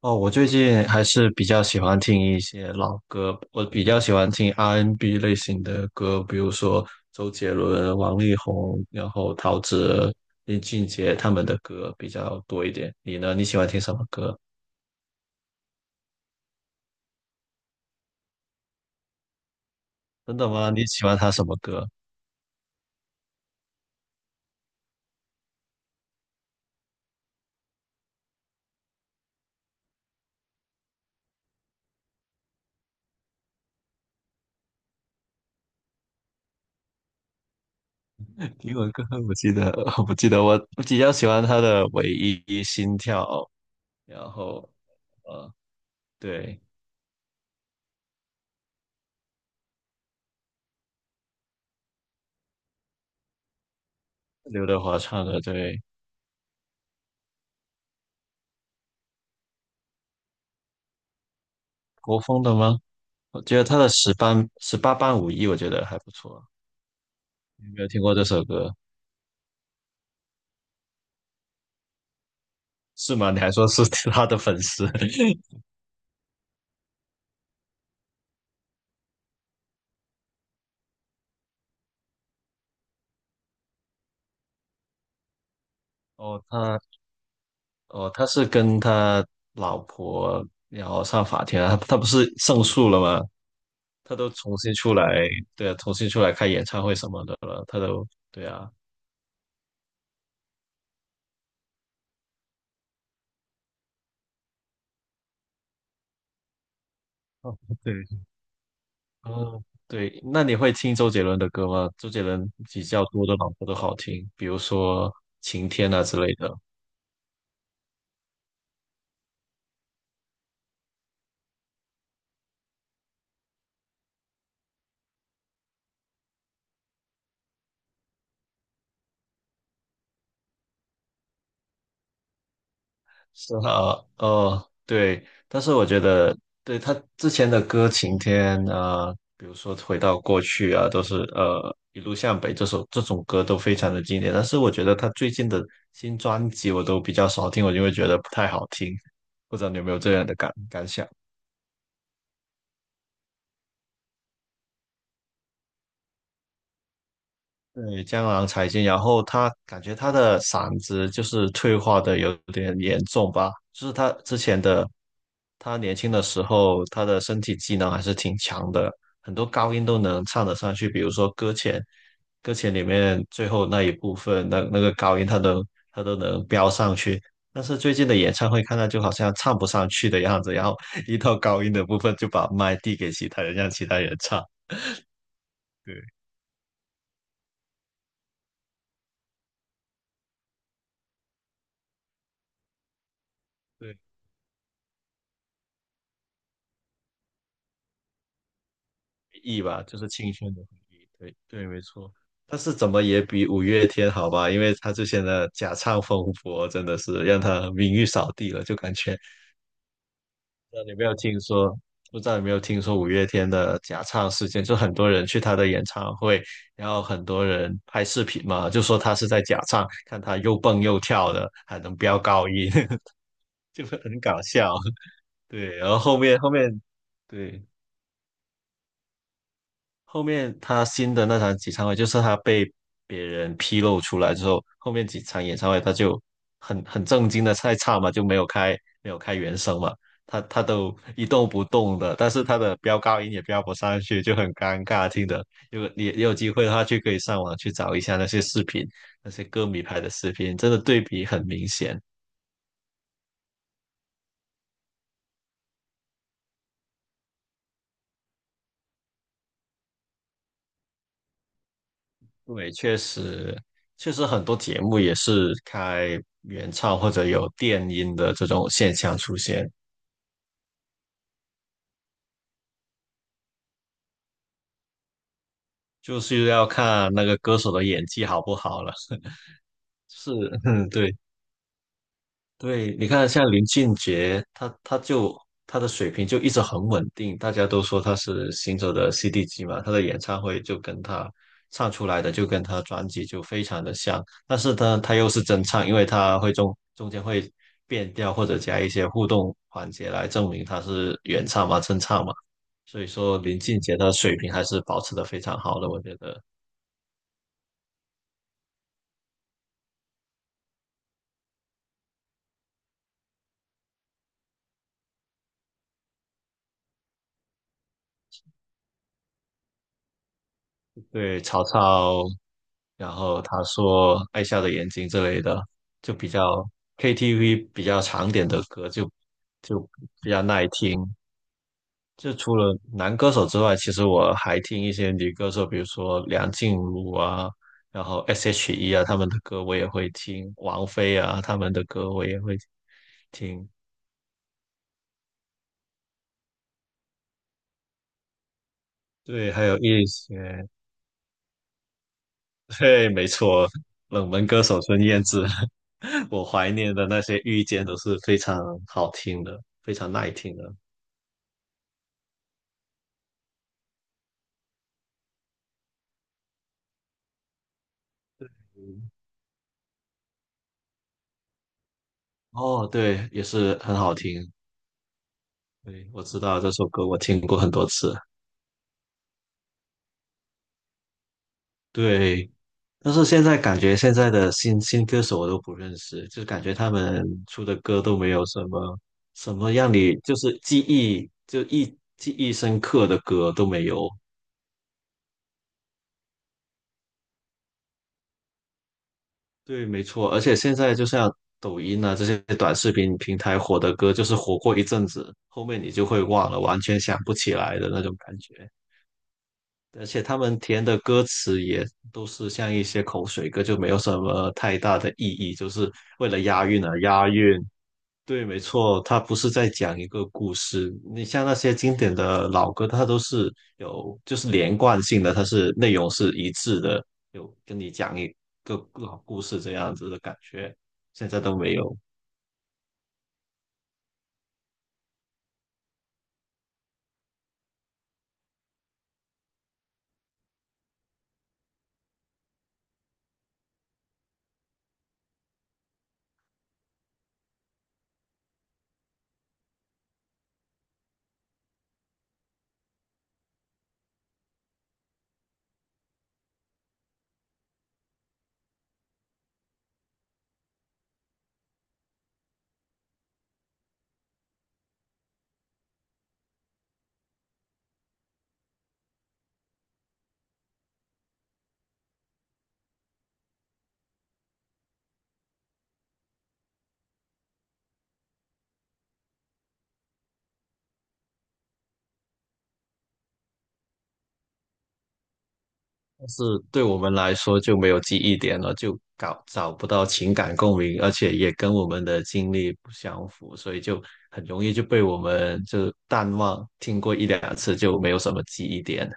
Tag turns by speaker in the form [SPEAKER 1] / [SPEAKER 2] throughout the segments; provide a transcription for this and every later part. [SPEAKER 1] 哦，我最近还是比较喜欢听一些老歌，我比较喜欢听 R&B n 类型的歌，比如说周杰伦、王力宏，然后陶喆、林俊杰他们的歌比较多一点。你呢？你喜欢听什么歌？真的吗？你喜欢他什么歌？英文歌，我记得，我记得我比较喜欢他的《唯一心跳》，然后呃，对，刘德华唱的，对，国风的吗？我觉得他的十班十八般武艺，我觉得还不错。你没有听过这首歌是吗？你还说是他的粉丝？哦，他哦，他是跟他老婆然后上法庭啊，他不是胜诉了吗？他都重新出来，对啊，重新出来开演唱会什么的了，对啊，哦，对，哦，对，那你会听周杰伦的歌吗？周杰伦比较多的老婆都好听，比如说《晴天》啊之类的。是啊，哦，对，但是我觉得，对他之前的歌《晴天》啊，比如说《回到过去》啊，都是一路向北这首这种歌都非常的经典。但是我觉得他最近的新专辑我都比较少听，我就会觉得不太好听。不知道你有没有这样的感想？对，江郎才尽，然后他感觉他的嗓子就是退化的有点严重吧，就是他之前的，他年轻的时候，他的身体机能还是挺强的，很多高音都能唱得上去，比如说《搁浅》，《搁浅》里面最后那一部分，那个高音他都能飙上去，但是最近的演唱会看他就好像唱不上去的样子，然后 一到高音的部分就把麦递给其他人，让其他人唱，对对，艺吧，就是清轩的回忆。对对，没错。但是怎么也比五月天好吧，因为他之前的假唱风波真的是让他名誉扫地了，就感觉。不知道你有没有听说？不知道有没有听说五月天的假唱事件？就很多人去他的演唱会，然后很多人拍视频嘛，就说他是在假唱，看他又蹦又跳的，还能飙高音，就很搞笑。对，然后后面对他新的那场演唱会，就是他被别人披露出来之后，后面几场演唱会他就很正经的在唱嘛，就没有开原声嘛，他都一动不动的，但是他的飙高音也飙不上去，就很尴尬听的。如果你也有机会的话，就可以上网去找一下那些视频，那些歌迷拍的视频，真的对比很明显。对，确实。确实，很多节目也是开原唱或者有电音的这种现象出现。就是要看那个歌手的演技好不好了。是，嗯，对对，你看像林俊杰，他的水平就一直很稳定，大家都说他是行走的 CD 机嘛，他的演唱会就跟他唱出来的就跟他专辑就非常的像，但是呢，他又是真唱，因为他会中间会变调或者加一些互动环节来证明他是原唱嘛，真唱嘛，所以说林俊杰的水平还是保持的非常好的，我觉得。对，曹操然后他说《爱笑的眼睛》之类的，就比较 KTV 比较长点的歌就比较耐听。就除了男歌手之外，其实我还听一些女歌手，比如说梁静茹啊，然后 S.H.E 啊，他们的歌我也会听，王菲啊，他们的歌我也会听。对，还有一些，对，没错，冷门歌手孙燕姿，我怀念的那些遇见都是非常好听的，非常耐听的。哦，对，也是很好听。对，我知道这首歌，我听过很多次。对，但是现在感觉现在的新歌手我都不认识，就感觉他们出的歌都没有什么让你就是记忆深刻的歌都没有。对，没错。而且现在就像抖音啊这些短视频平台火的歌，就是火过一阵子，后面你就会忘了，完全想不起来的那种感觉。而且他们填的歌词也都是像一些口水歌，就没有什么太大的意义，就是为了押韵而押韵。对，没错，它不是在讲一个故事。你像那些经典的老歌，它都是有就是连贯性的，它是内容是一致的，有跟你讲一个老故事这样子的感觉，现在都没有。但是对我们来说就没有记忆点了，就搞找不到情感共鸣，而且也跟我们的经历不相符，所以就很容易就被我们就淡忘，听过一两次就没有什么记忆点，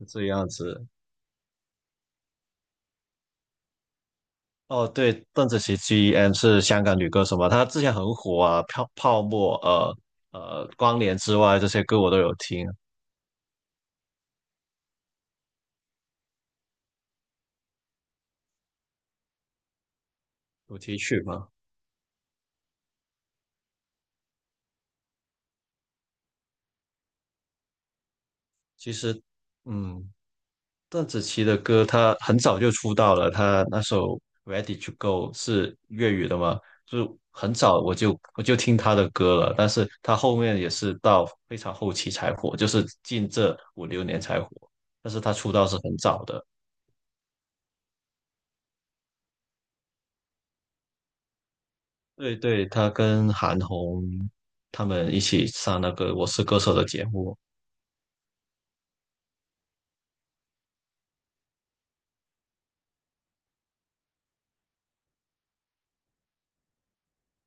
[SPEAKER 1] 是这样子。哦，对，邓紫棋 GEM 是香港女歌手嘛，她之前很火啊，泡沫，光年之外这些歌我都有听，主题曲嘛。其实，嗯，邓紫棋的歌，她很早就出道了，她那首《Ready to Go》是粤语的嘛，就很早我就听她的歌了，但是她后面也是到非常后期才火，就是近这五六年才火，但是她出道是很早的。对对，她跟韩红他们一起上那个《我是歌手》的节目，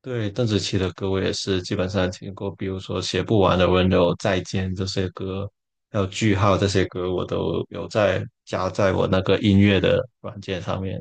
[SPEAKER 1] 对，邓紫棋的歌我也是基本上听过，比如说《写不完的温柔》《再见》这些歌，还有《句号》这些歌，我都有在加在我那个音乐的软件上面。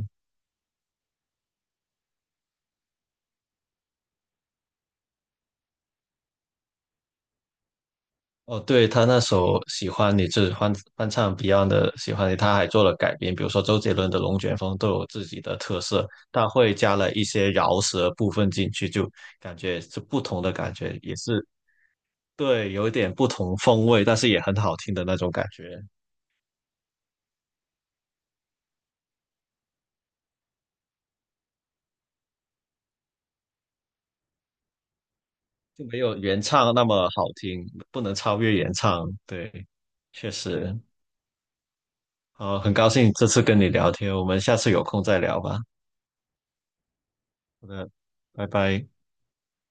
[SPEAKER 1] 哦，对，他那首《喜欢你》就是翻唱 Beyond 的《喜欢你》，他还做了改编，比如说周杰伦的《龙卷风》都有自己的特色，他会加了一些饶舌部分进去，就感觉是不同的感觉，也是对，有一点不同风味，但是也很好听的那种感觉。就没有原唱那么好听，不能超越原唱。对，确实，好，很高兴这次跟你聊天，我们下次有空再聊吧。好的，拜拜。